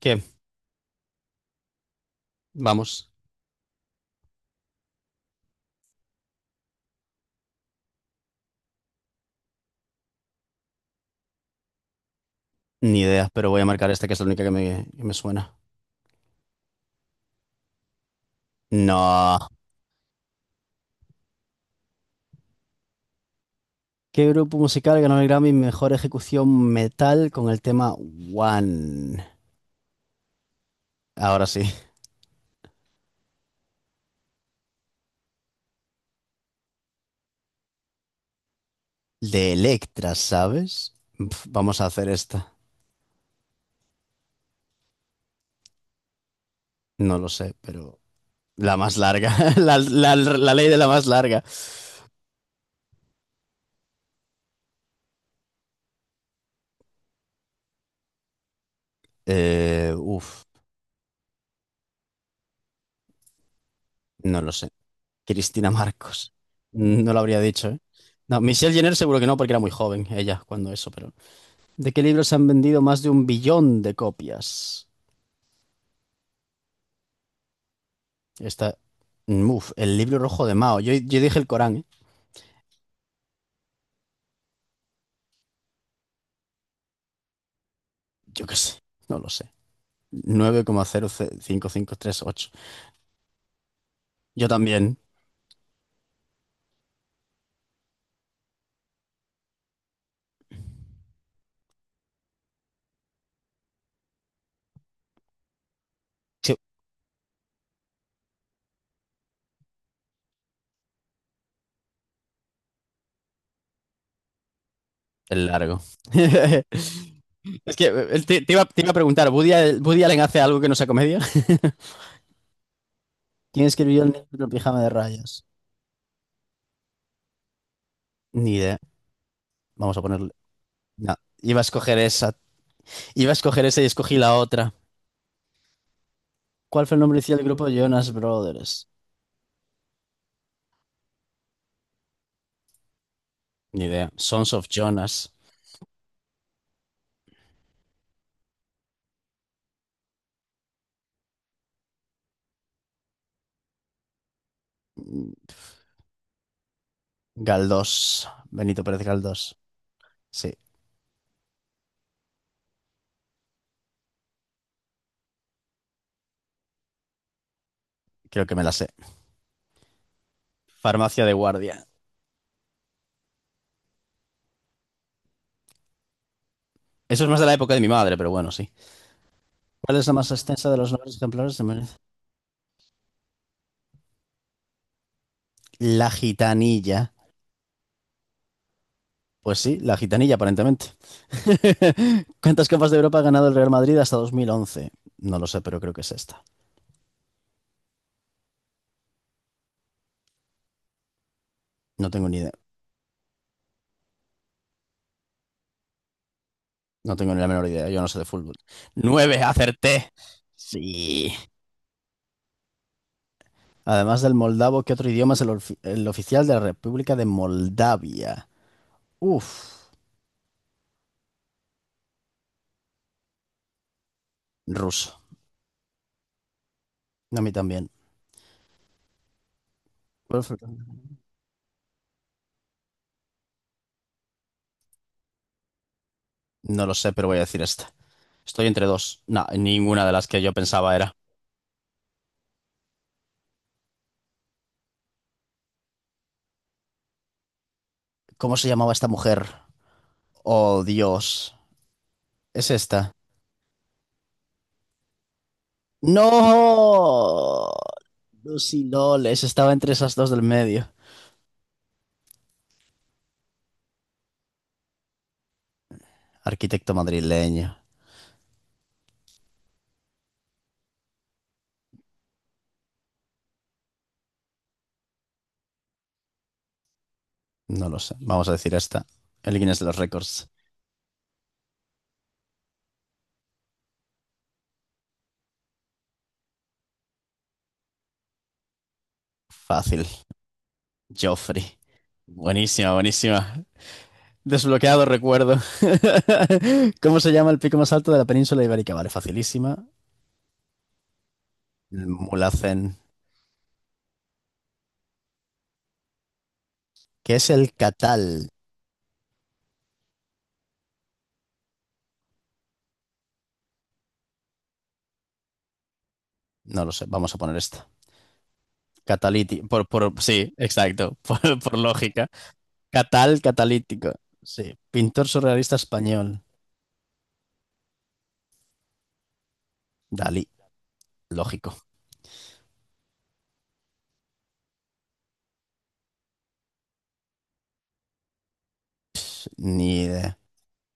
¿Qué? Vamos. Ni idea, pero voy a marcar esta que es la única que me suena. No. ¿Qué grupo musical ganó el Grammy Mejor Ejecución Metal con el tema One? Ahora sí. De Electra, ¿sabes? Pf, vamos a hacer esta. No lo sé, pero la más larga. La ley de la más larga. Eh, uf, no lo sé. Cristina Marcos. No lo habría dicho, ¿eh? No, Michelle Jenner seguro que no, porque era muy joven ella cuando eso, pero... ¿De qué libros han vendido más de un billón de copias? Esta. Uf, el libro rojo de Mao. Yo dije el Corán, ¿eh? Yo qué sé, no lo sé. Nueve coma cero cinco cinco tres ocho. Yo también. Sí, el largo. Es que te iba a preguntar, ¿Woody, Woody Allen hace algo que no sea comedia? ¿Quién escribió el libro Pijama de Rayas? Ni idea. Vamos a ponerle. No, iba a escoger esa. Iba a escoger esa y escogí la otra. ¿Cuál fue el nombre inicial del grupo Jonas Brothers? Ni idea. Sons of Jonas. Galdós. Benito Pérez Galdós. Sí, creo que me la sé. Farmacia de guardia. Eso es más de la época de mi madre, pero bueno, sí. ¿Cuál es la más extensa de los nombres ejemplares de Menez? La gitanilla. Pues sí, la gitanilla, aparentemente. ¿Cuántas copas de Europa ha ganado el Real Madrid hasta 2011? No lo sé, pero creo que es esta. No tengo ni idea. No tengo ni la menor idea. Yo no sé de fútbol. Nueve, acerté. Sí. Además del moldavo, ¿qué otro idioma es el oficial de la República de Moldavia? Uf, ruso. A mí también. ¿Cuál fue? No lo sé, pero voy a decir esta. Estoy entre dos. No, ninguna de las que yo pensaba era. ¿Cómo se llamaba esta mujer? Oh, Dios. Es esta. ¡No! Lucy Loles. Estaba entre esas dos del medio. Arquitecto madrileño. No lo sé. Vamos a decir esta. El Guinness de los récords. Fácil. Joffrey. Buenísima, buenísima. Desbloqueado recuerdo. ¿Cómo se llama el pico más alto de la península ibérica? Vale, facilísima. El Mulhacén. ¿Qué es el Catal? No lo sé, vamos a poner esta. Catalítico. Sí, exacto, por lógica. Catalítico. Sí, pintor surrealista español. Dalí, lógico. Sí, ni idea.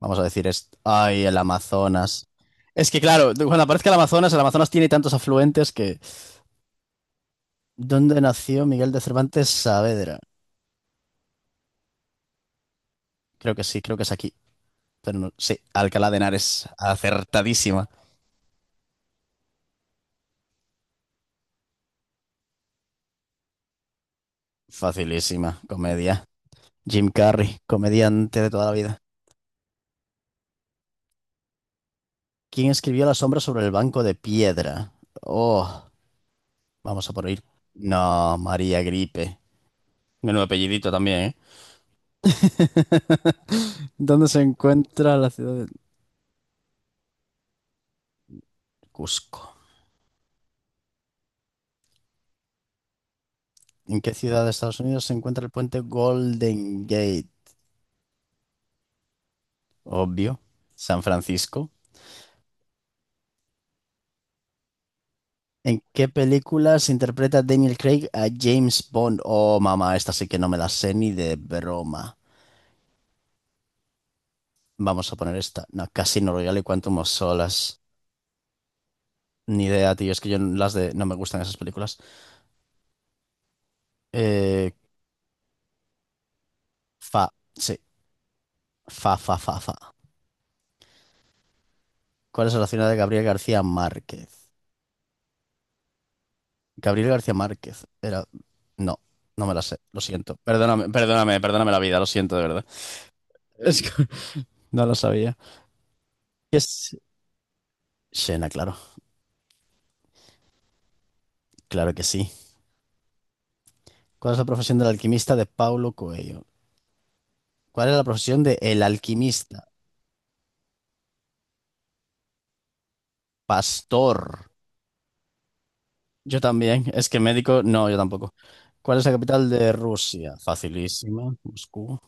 Vamos a decir esto. Ay, el Amazonas. Es que claro, cuando aparezca el Amazonas tiene tantos afluentes que... ¿Dónde nació Miguel de Cervantes Saavedra? Creo que sí, creo que es aquí. Sí, Alcalá de Henares, acertadísima. Facilísima, comedia. Jim Carrey, comediante de toda la vida. ¿Quién escribió La sombra sobre el banco de piedra? Oh, vamos a por ir. No, María Gripe. Menudo apellidito también, ¿eh? ¿Dónde se encuentra la ciudad de Cusco? ¿En qué ciudad de Estados Unidos se encuentra el puente Golden Gate? Obvio. San Francisco. ¿En qué películas interpreta Daniel Craig a James Bond? Oh, mamá, esta sí que no me la sé ni de broma. Vamos a poner esta. No, Casino Royale y Quantum of Solace. Ni idea, tío. Es que yo las de... No me gustan esas películas. Eh, fa. Sí. Fa, fa, fa, fa. ¿Cuál es la ciudad de Gabriel García Márquez? Gabriel García Márquez. Era... No, no me la sé. Lo siento. Perdóname, perdóname, perdóname la vida. Lo siento, de verdad. Es que no lo sabía. Es... Xena, claro. Claro que sí. ¿Cuál es la profesión del alquimista de Paulo Coelho? ¿Cuál es la profesión de el alquimista? Pastor. Yo también. Es que médico, no, yo tampoco. ¿Cuál es la capital de Rusia? Facilísima, Moscú.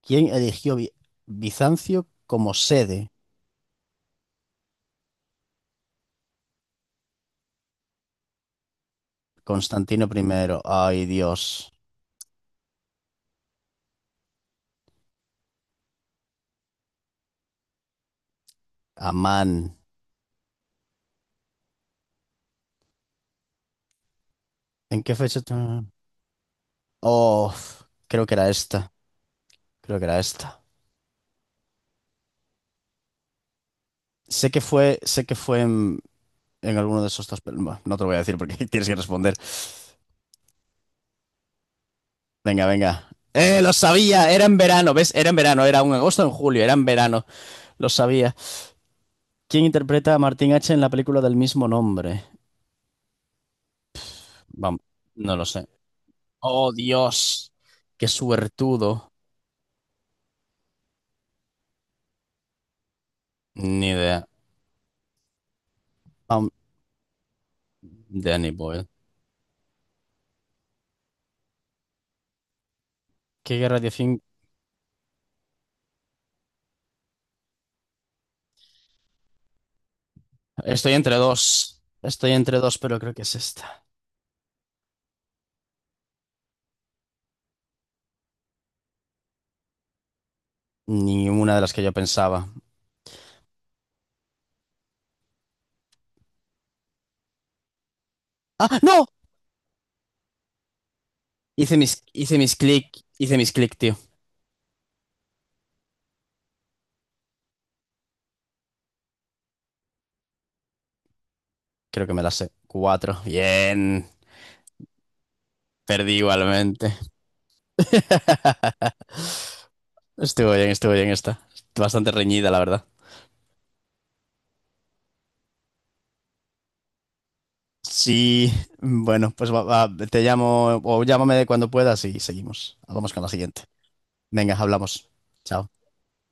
¿Quién eligió Bi- ¿Bizancio como sede? Constantino I. Ay, Dios. Amán. ¿En qué fecha? Ta- Oh, creo que era esta. Creo que era esta. Sé que fue en alguno de esos dos, pero bueno, no te lo voy a decir porque tienes que responder. Venga, venga. Lo sabía, era en verano, ¿ves? Era en verano, era un agosto o en julio, era en verano, lo sabía. ¿Quién interpreta a Martin H en la película del mismo nombre? Vamos, no lo sé. Oh, Dios, qué suertudo. Ni idea. Um, Danny Boyle. ¿Qué guerra de fin? Estoy entre dos. Estoy entre dos, pero creo que es esta. Ninguna de las que yo pensaba. ¡Ah, no! Hice mis, hice mis clic, hice mis clic, tío. Creo que me las sé. Cuatro. Bien. Perdí igualmente. Estuvo bien esta. Bastante reñida, la verdad. Sí, bueno, pues va, te llamo o llámame cuando puedas y seguimos. Vamos con la siguiente. Venga, hablamos. Chao.